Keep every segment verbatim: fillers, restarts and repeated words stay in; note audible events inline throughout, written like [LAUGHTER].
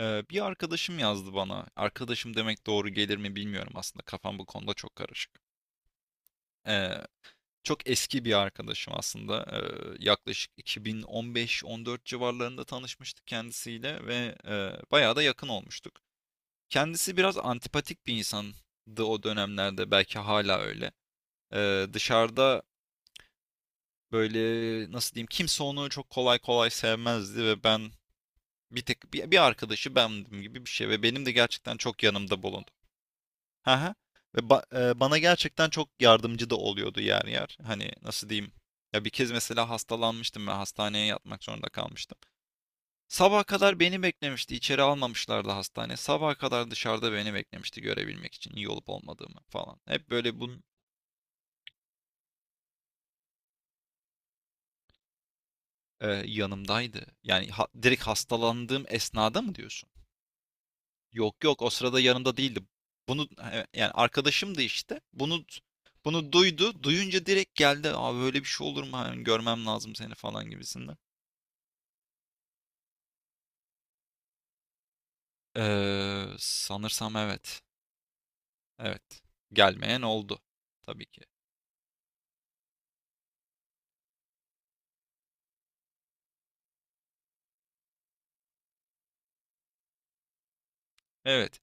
Ee, bir arkadaşım yazdı bana. Arkadaşım demek doğru gelir mi bilmiyorum aslında. Kafam bu konuda çok karışık. Ee, Çok eski bir arkadaşım aslında. Ee, yaklaşık iki bin on beş-on dört civarlarında tanışmıştık kendisiyle ve e, bayağı da yakın olmuştuk. Kendisi biraz antipatik bir insandı o dönemlerde. Belki hala öyle. Ee, dışarıda böyle nasıl diyeyim, kimse onu çok kolay kolay sevmezdi ve ben bir tek bir, bir arkadaşı bendim gibi bir şey ve benim de gerçekten çok yanımda bulundu. Hı hı. Ve ba- eee, Bana gerçekten çok yardımcı da oluyordu yer yer. Hani nasıl diyeyim? Ya bir kez mesela hastalanmıştım ve hastaneye yatmak zorunda kalmıştım. Sabaha kadar beni beklemişti. İçeri almamışlardı hastane. Sabaha kadar dışarıda beni beklemişti, görebilmek için iyi olup olmadığımı falan. Hep böyle bunun eee, yanımdaydı. Yani ha- direkt hastalandığım esnada mı diyorsun? Yok yok, o sırada yanında değildi. Bunu e, yani arkadaşımdı işte. Bunu bunu duydu. Duyunca direkt geldi. Abi böyle bir şey olur mu? Hani görmem lazım seni falan gibisinden. Ee, sanırsam evet. Evet. Gelmeyen oldu. Tabii ki. Evet.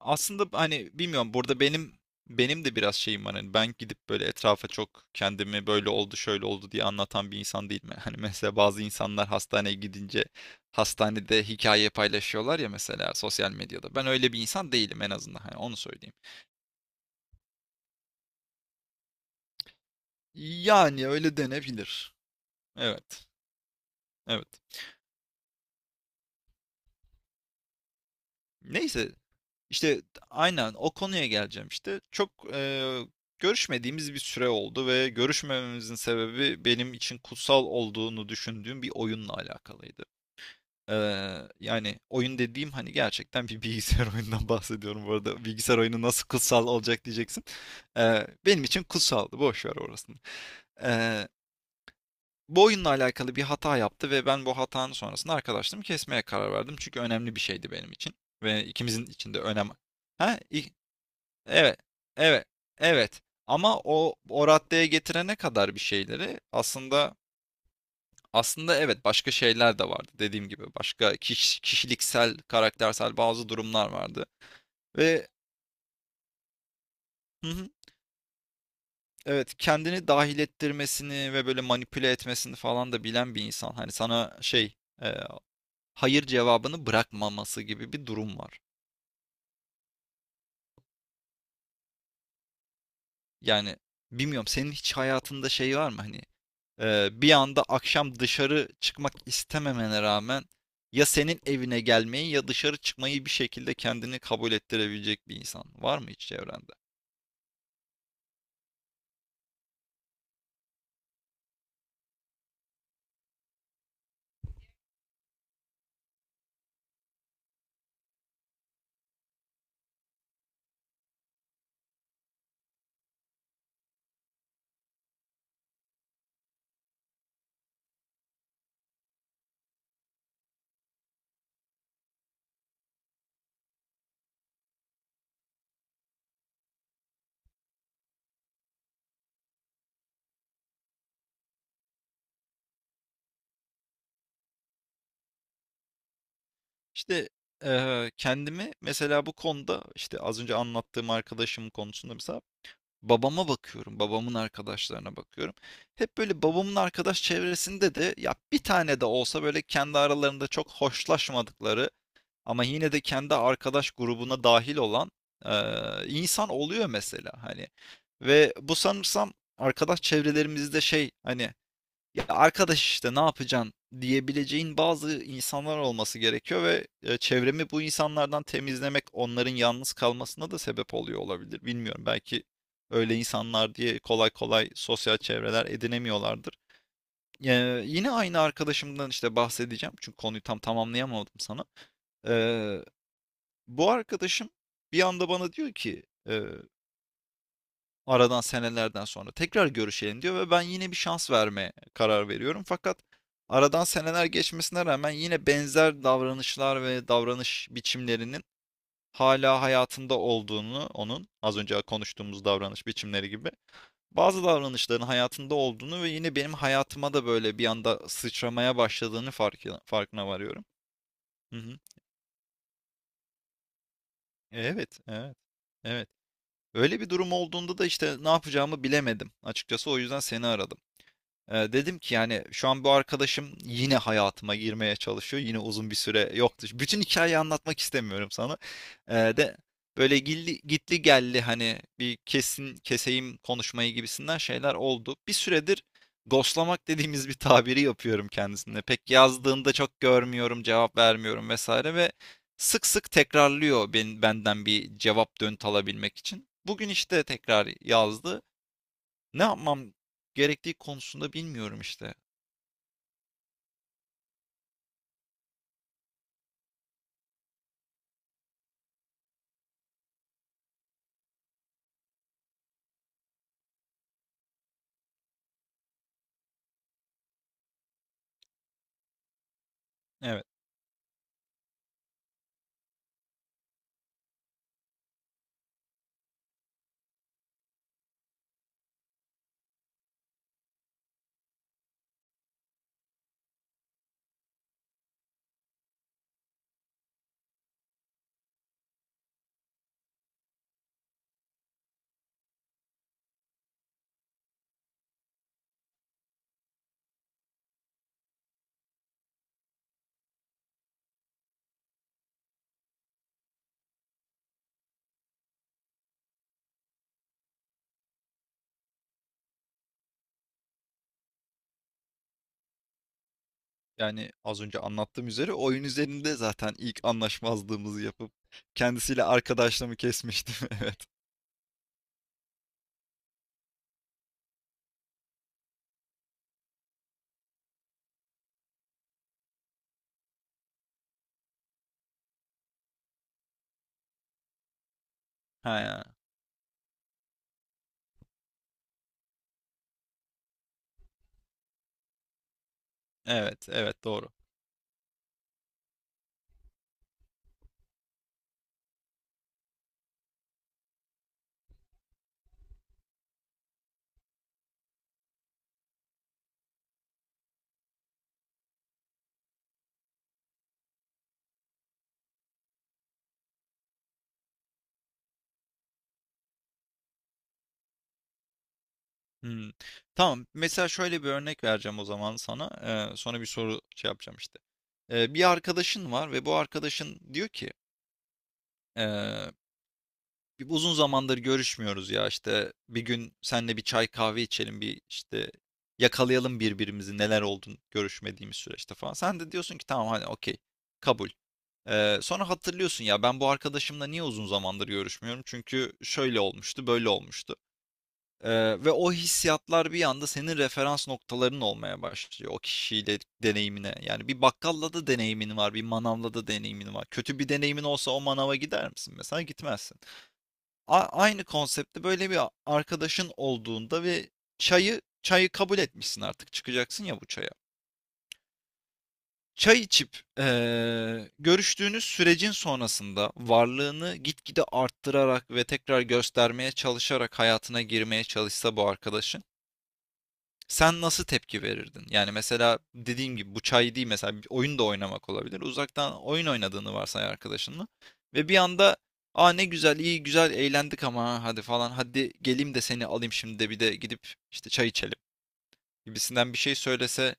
Aslında hani bilmiyorum, burada benim benim de biraz şeyim var, hani ben gidip böyle etrafa çok kendimi böyle oldu şöyle oldu diye anlatan bir insan değilim. [LAUGHS] Yani. Hani mesela bazı insanlar hastaneye gidince hastanede hikaye paylaşıyorlar ya, mesela sosyal medyada. Ben öyle bir insan değilim, en azından hani onu söyleyeyim. Yani öyle denebilir. Evet. Evet. Neyse, İşte aynen o konuya geleceğim işte. Çok e, görüşmediğimiz bir süre oldu ve görüşmememizin sebebi benim için kutsal olduğunu düşündüğüm bir oyunla alakalıydı. Ee, Yani oyun dediğim hani gerçekten bir bilgisayar [LAUGHS] oyunundan bahsediyorum bu arada. Bilgisayar oyunu nasıl kutsal olacak diyeceksin. Ee, benim için kutsaldı. Boş ver orasını. Ee, Bu oyunla alakalı bir hata yaptı ve ben bu hatanın sonrasında arkadaşlığımı kesmeye karar verdim. Çünkü önemli bir şeydi benim için. Ve ikimizin için de önem... Ha? Evet, evet, evet. Ama o o raddeye getirene kadar bir şeyleri aslında, aslında evet, başka şeyler de vardı, dediğim gibi başka kiş- kişiliksel karaktersel bazı durumlar vardı ve hı hı, evet, kendini dahil ettirmesini ve böyle manipüle etmesini falan da bilen bir insan, hani sana şey, e, hayır cevabını bırakmaması gibi bir durum var. Yani bilmiyorum senin hiç hayatında şey var mı hani, Ee, bir anda akşam dışarı çıkmak istememene rağmen ya senin evine gelmeyi ya dışarı çıkmayı bir şekilde kendini kabul ettirebilecek bir insan var mı hiç çevrende? İşte eee, kendimi mesela bu konuda, işte az önce anlattığım arkadaşım konusunda mesela babama bakıyorum, babamın arkadaşlarına bakıyorum. Hep böyle babamın arkadaş çevresinde de ya bir tane de olsa böyle kendi aralarında çok hoşlaşmadıkları, ama yine de kendi arkadaş grubuna dahil olan eee, insan oluyor mesela hani. Ve bu sanırsam arkadaş çevrelerimizde şey, hani ya arkadaş işte ne yapacaksın diyebileceğin bazı insanlar olması gerekiyor ve e, çevremi bu insanlardan temizlemek onların yalnız kalmasına da sebep oluyor olabilir. Bilmiyorum, belki öyle insanlar diye kolay kolay sosyal çevreler edinemiyorlardır. Eee, yine aynı arkadaşımdan işte bahsedeceğim çünkü konuyu tam tamamlayamadım sana. E, Bu arkadaşım bir anda bana diyor ki eee, aradan senelerden sonra tekrar görüşelim diyor ve ben yine bir şans vermeye karar veriyorum. Fakat aradan seneler geçmesine rağmen yine benzer davranışlar ve davranış biçimlerinin hala hayatında olduğunu, onun az önce konuştuğumuz davranış biçimleri gibi bazı davranışların hayatında olduğunu ve yine benim hayatıma da böyle bir anda sıçramaya başladığını farkına, farkına varıyorum. Hı hı. E, Evet, evet, evet. Öyle bir durum olduğunda da işte ne yapacağımı bilemedim. Açıkçası o yüzden seni aradım. Ee, dedim ki yani şu an bu arkadaşım yine hayatıma girmeye çalışıyor. Yine uzun bir süre yoktu. Bütün hikayeyi anlatmak istemiyorum sana. Ee, de Böyle gilli, gitli gelli hani bir kesin keseyim konuşmayı gibisinden şeyler oldu. Bir süredir ghostlamak dediğimiz bir tabiri yapıyorum kendisine. Pek yazdığında çok görmüyorum, cevap vermiyorum vesaire ve sık sık tekrarlıyor ben, benden bir cevap dönt alabilmek için. Bugün işte tekrar yazdı. Ne yapmam gerektiği konusunda bilmiyorum işte. Evet, yani az önce anlattığım üzere oyun üzerinde zaten ilk anlaşmazlığımızı yapıp kendisiyle arkadaşlığımı kesmiştim. [LAUGHS] Evet. Ha, evet, evet doğru. Hmm. Tamam. Mesela şöyle bir örnek vereceğim o zaman sana. Ee, sonra bir soru şey yapacağım işte. Ee, bir arkadaşın var ve bu arkadaşın diyor ki, bir uzun zamandır görüşmüyoruz ya işte, bir gün senle bir çay kahve içelim, bir işte yakalayalım birbirimizi neler oldun görüşmediğimiz süreçte falan. Sen de diyorsun ki tamam hani okey, kabul. Ee, sonra hatırlıyorsun ya, ben bu arkadaşımla niye uzun zamandır görüşmüyorum? Çünkü şöyle olmuştu, böyle olmuştu. Ee, Ve o hissiyatlar bir anda senin referans noktaların olmaya başlıyor o kişiyle deneyimine. Yani bir bakkalla da deneyimin var, bir manavla da deneyimin var. Kötü bir deneyimin olsa o manava gider misin? Mesela gitmezsin. A- aynı konseptte böyle bir arkadaşın olduğunda ve çayı çayı kabul etmişsin, artık çıkacaksın ya bu çaya. Çay içip eee, görüştüğünüz sürecin sonrasında varlığını gitgide arttırarak ve tekrar göstermeye çalışarak hayatına girmeye çalışsa bu arkadaşın, sen nasıl tepki verirdin? Yani mesela dediğim gibi bu çay değil, mesela bir oyun da oynamak olabilir. Uzaktan oyun oynadığını varsay arkadaşınla ve bir anda aa ne güzel, iyi güzel eğlendik ama ha, hadi falan, hadi geleyim de seni alayım şimdi, de bir de gidip işte çay içelim gibisinden bir şey söylese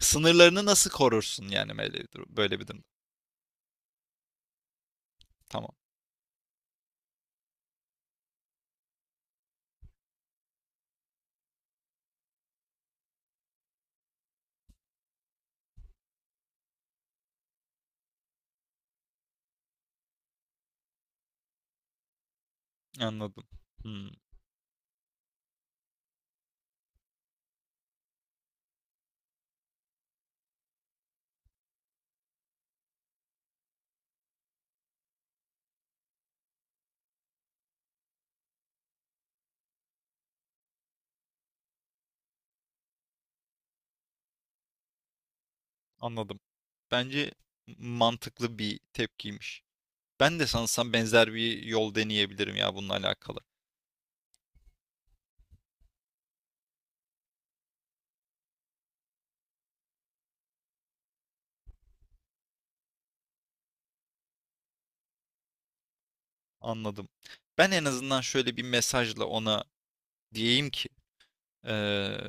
sınırlarını nasıl korursun yani böyle bir durum- böyle bir durumda? Tamam, anladım. Hmm, anladım. Bence mantıklı bir tepkiymiş. Ben de sanırsam benzer bir yol deneyebilirim ya bununla alakalı. Anladım. Ben en azından şöyle bir mesajla ona diyeyim ki eee,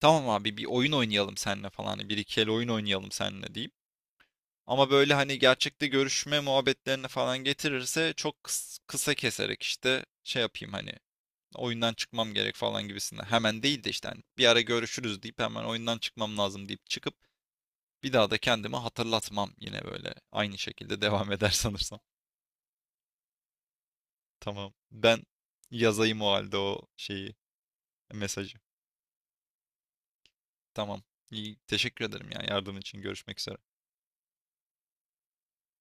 tamam abi bir oyun oynayalım seninle falan, hani bir iki el oyun oynayalım seninle diyeyim. Ama böyle hani gerçekte görüşme muhabbetlerine falan getirirse çok kıs- kısa keserek işte şey yapayım, hani oyundan çıkmam gerek falan gibisinden. Hemen değil de işte hani bir ara görüşürüz deyip hemen oyundan çıkmam lazım deyip çıkıp bir daha da kendimi hatırlatmam, yine böyle aynı şekilde devam eder [LAUGHS] sanırsam. Tamam. Ben yazayım o halde o şeyi, mesajı. Tamam. İyi. Teşekkür ederim ya, yardım için. Görüşmek üzere.